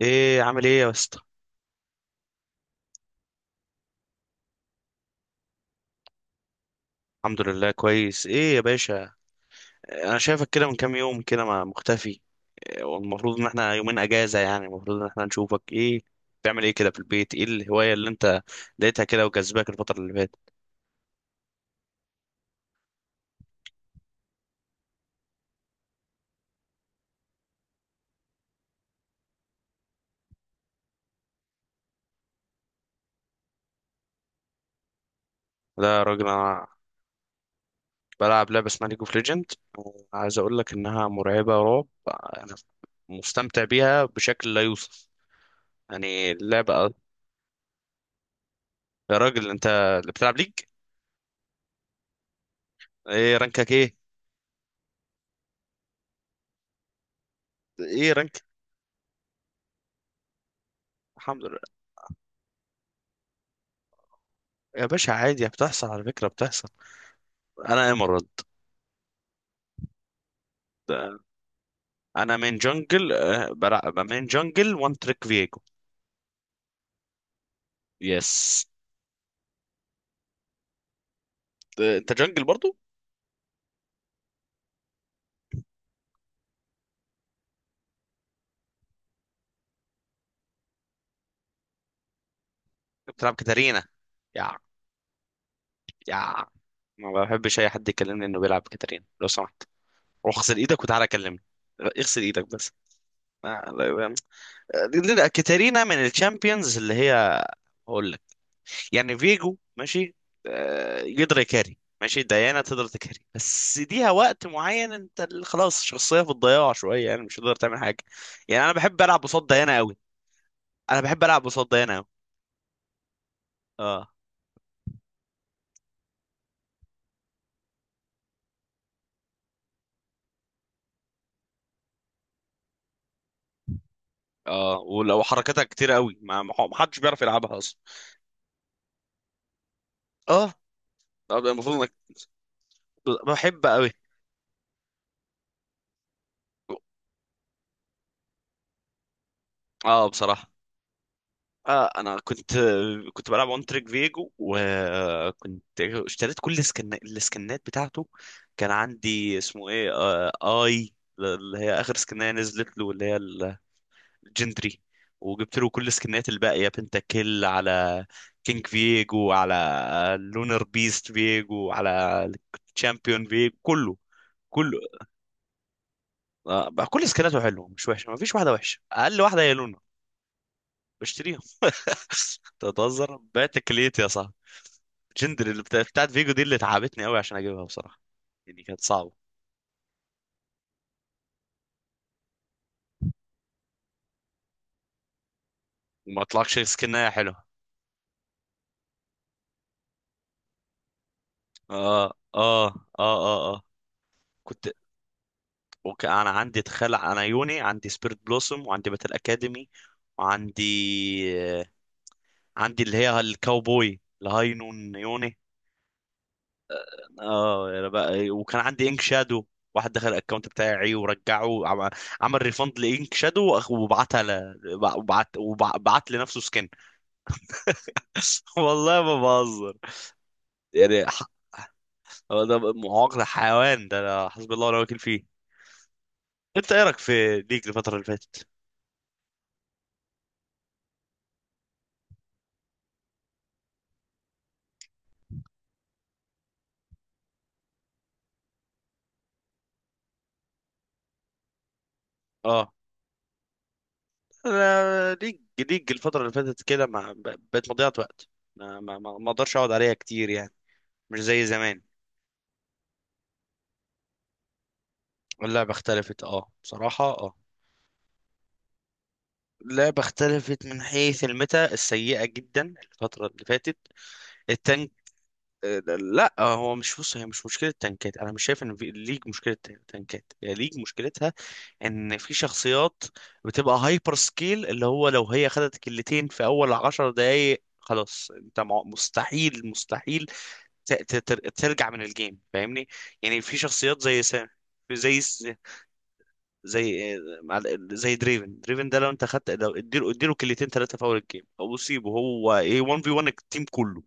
ايه؟ عامل ايه يا اسطى؟ الحمد لله، كويس. ايه يا باشا، انا شايفك كده من كام يوم كده ما مختفي. والمفروض ان احنا يومين اجازة، يعني المفروض ان احنا نشوفك. ايه بتعمل ايه كده في البيت؟ ايه الهواية اللي انت لقيتها كده وجذباك الفترة اللي فاتت؟ لا يا راجل، انا بلعب لعبة اسمها ليج اوف ليجند. عايز اقول لك انها مرعبة رعب، انا مستمتع بيها بشكل لا يوصف، يعني اللعبة. يا راجل انت اللي بتلعب ليج؟ ايه رانكك؟ ايه؟ ايه رانك؟ الحمد لله يا باشا، عادي بتحصل على فكرة، بتحصل. انا ايمرالد. انا من جنجل من جنجل، وان تريك فيجو. يس. انت جنجل برضو؟ بتلعب كاتارينا يا يا؟ ما بحبش اي حد يكلمني انه بيلعب كاتارينا لو سمحت. روح اغسل ايدك وتعالى كلمني. اغسل ايدك بس. آه، لا- يعني- كاتارينا من الشامبيونز اللي هي، هقول، يعني فيجو ماشي. يقدر يكاري، ماشي. ديانا تقدر تكاري بس ليها وقت معين. خلاص الشخصيه في الضياع شويه، يعني مش هتقدر تعمل حاجه. يعني انا بحب العب قصاد ديانا قوي. انا بحب العب قصاد ديانا قوي. اه. اه، ولو حركتها كتير قوي ما حدش بيعرف يلعبها اصلا. اه. المفروض انك، بحب قوي. اه بصراحه. آه، انا كنت، كنت بلعب اون تريك فيجو، وكنت اشتريت كل السكنات بتاعته. كان عندي اسمه ايه، اي، اللي هي اخر سكنه نزلت له، اللي هي الجندري. وجبت له كل السكنات الباقيه: بنتا كيل، على كينج فيجو، على لونر بيست فيجو، على تشامبيون فيجو، كله، كله. آه، بقى كل سكناته حلوه، مش وحشه. ما فيش واحده وحشه، اقل واحده هي لونر. بشتريها. تتهزر، بعت كليتي يا صاحبي. جندر بتاعت فيجو دي اللي تعبتني قوي عشان اجيبها بصراحه، يعني كانت صعبه. وما طلعكش سكنها حلوه. اه اه اه اه اه. كنت، انا عندي تخلع. انا يوني عندي سبيرت بلوسوم، وعندي باتل اكاديمي، وعندي، آه، عندي اللي هي الكاوبوي الهاي نون يوني. اه، يا بقى، وكان عندي انك شادو. واحد دخل الاكونت بتاعي ورجعه، عمل ريفند لانك شادو، وبعتها وبعت لنفسه سكن. والله ما بهزر يعني. هو ده معاق، ده حيوان، ده أنا حسبي الله ونعم الوكيل فيه. انت ايه رايك في ليج الفتره اللي فاتت؟ اه، انا ليج، الفتره اللي فاتت كده ما، بقت مضيعه وقت. ما اقدرش اقعد عليها كتير يعني، مش زي زمان. اللعبه اختلفت، اه بصراحه. اه، اللعبه اختلفت من حيث الميتا السيئه جدا الفتره اللي فاتت التانية. لا، هو مش، بص، هي مش مشكلة تنكات. أنا مش شايف إن في ليج مشكلة تنكات. هي ليج مشكلتها إن في شخصيات بتبقى هايبر سكيل، اللي هو لو هي خدت كلتين في أول عشر دقايق خلاص أنت مستحيل، مستحيل ترجع من الجيم فاهمني. يعني في شخصيات زي زي، زي آه، مع- زي دريفن. دريفن ده لو انت خدت، لو اديله كلتين ثلاثه في اول الجيم، او اصيبه، هو ايه 1 في 1 التيم كله،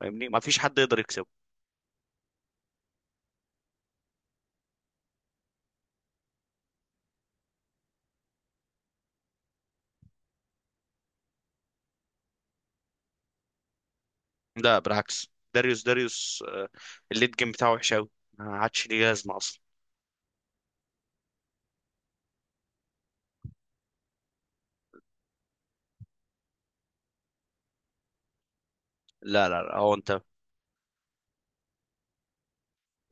فاهمني. ما فيش حد يقدر يكسبه. لا بالعكس، داريوس، داريوس، الليد جيم بتاعه وحش قوي، ما عادش ليه لازمه اصلا. لا لا لا. هو انت،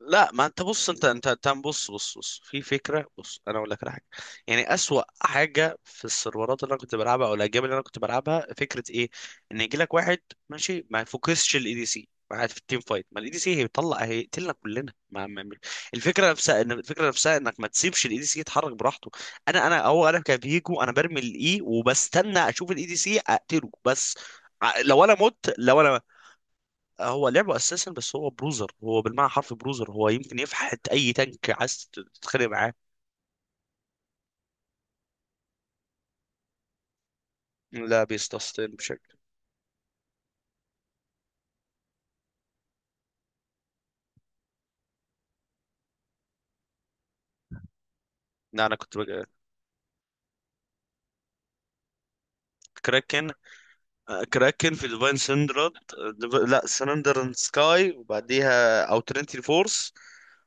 لا، ما انت بص، انت بص بص بص، في فكره، بص انا اقول لك على حاجه. يعني اسوأ حاجه في السيرفرات اللي انا كنت بلعبها او الاجيال اللي انا كنت بلعبها، فكره ايه؟ ان يجي لك واحد ماشي ما يفوكسش الاي دي سي قاعد في التيم فايت. ما الاي دي سي هيطلع هيقتلنا كلنا، الفكره نفسها، انك ما تسيبش الاي دي سي يتحرك براحته. انا هو انا كفيجو، انا برمي الاي وبستنى اشوف الاي دي سي اقتله بس. لو انا مت، لو انا هو لعبه اساسا بس، هو بروزر، هو بالمعنى حرف بروزر، هو يمكن يفحت اي تانك عايز تتخانق معاه. لا بيستسلم بشكل. لا، انا كنت بقى، كراكن. كراكن في ديفاين سندرد، لا، سندر اند سكاي، وبعديها او ترينتي فورس،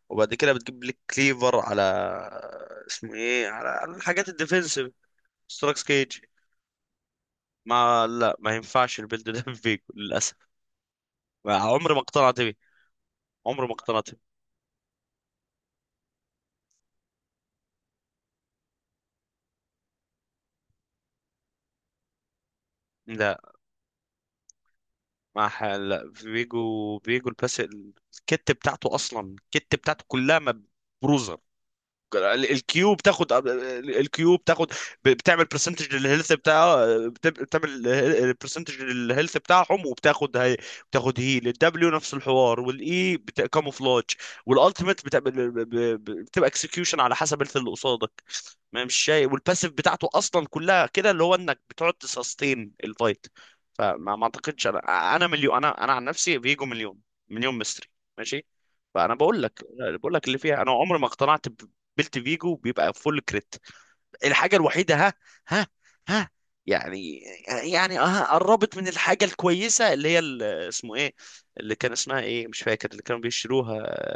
وبعد كده بتجيب لك كليفر على، اسمه ايه، على على الحاجات الديفنسيف، ستراكس كيج. ما لا، ما ينفعش البيلد ده فيجو، للاسف. عمري ما اقتنعت بيه. عمري ما اقتنعت بيه. لا، مع حال بيجو، بيجو الباس. الكت بتاعته اصلا، الكت بتاعته كلها مبروزه. الكيو بتاخد، الكيو بتاخد بتعمل برسنتج للهيلث بتاعها، بتعمل برسنتج للهيلث بتاعهم، وبتاخد هي بتاخد هيل. الدبليو نفس الحوار، والاي كاموفلاج، والالتيميت بتعمل بتبقى اكسكيوشن على حسب الهيلث اللي قصادك. ما، مش شايف. والباسيف بتاعته اصلا كلها كده، اللي هو انك بتقعد تسستين الفايت. فما ما اعتقدش، انا مليون، انا عن نفسي فيجو مليون، مليون مستري، ماشي. فانا بقول لك، اللي فيها انا عمري ما اقتنعت. بيلت فيجو بيبقى فول كريت، الحاجه الوحيده. ها. ها، ها، يعني، يعني اه، قربت من الحاجه الكويسه اللي هي اسمه ايه، اللي كان اسمها ايه، مش فاكر، اللي كانوا بيشتروها،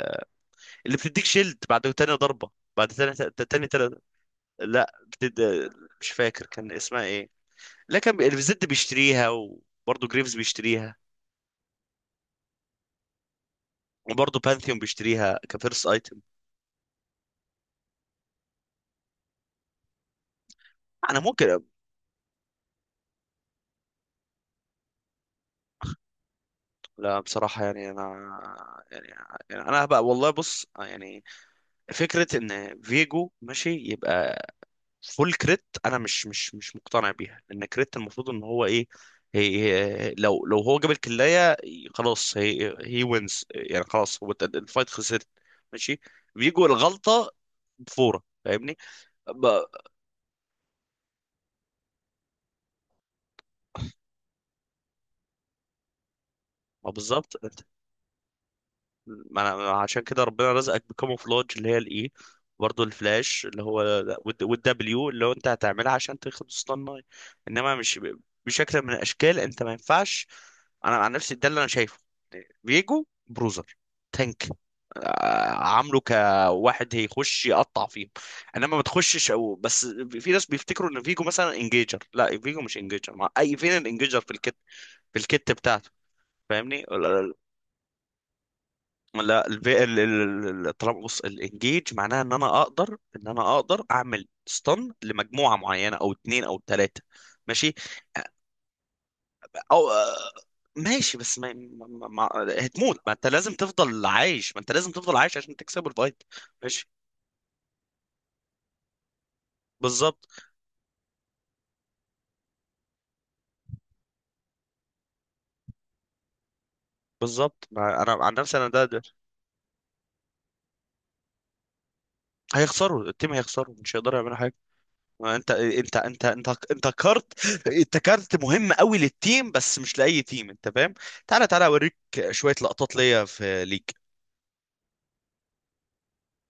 اللي بتديك شيلد بعد تاني ضربه، بعد تاني تاني تاني. لا بتد... مش فاكر كان اسمها ايه. لا، كان الزد بيشتريها، وبرضه جريفز بيشتريها، وبرضه بانثيون بيشتريها كفيرست ايتم. انا ممكن أب... لا بصراحه، يعني انا، يعني، يعني انا بقى والله، بص يعني، فكرة ان فيجو ماشي يبقى فول كريت، انا مش مقتنع بيها، لان كريت المفروض ان هو ايه. هي، لو لو هو جاب الكلاية خلاص، هي وينز، يعني خلاص، هو الفايت خسرت، ماشي. فيجو الغلطة بفورة، فاهمني. ب- ما بالظبط. ما انا عشان كده ربنا رزقك بكاموفلاج، اللي هي الاي، برضه الفلاش، اللي هو والدبليو، اللي هو انت هتعملها عشان تاخد سطان ناي. انما مش بشكل من الاشكال، انت ما ينفعش. انا عن نفسي ده اللي انا شايفه. فيجو بروزر تانك، عامله كواحد هيخش يقطع فيهم، انما ما تخشش او بس. في ناس بيفتكروا ان فيجو مثلا انجيجر، لا، فيجو مش انجيجر، مع اي؟ فين الانجيجر في الكت، في الكت بتاعته، فاهمني. لا، الفي الطلب، بص، الانجيج معناها ان انا اقدر، اعمل ستان لمجموعه معينه او اتنين او تلاته، ماشي. او ماشي، بس ما هتموت، ما انت لازم تفضل عايش، ما انت لازم تفضل عايش عشان تكسب الفايت، ماشي. بالظبط، بالظبط. ما انا عن نفسي انا، ده هيخسروا التيم، مش هيقدروا يعملوا حاجه. انت انت كارت، انت كارت مهم قوي للتيم، بس مش لاي تيم، انت فاهم. تعالى تعالى اوريك شويه لقطات ليا في ليج.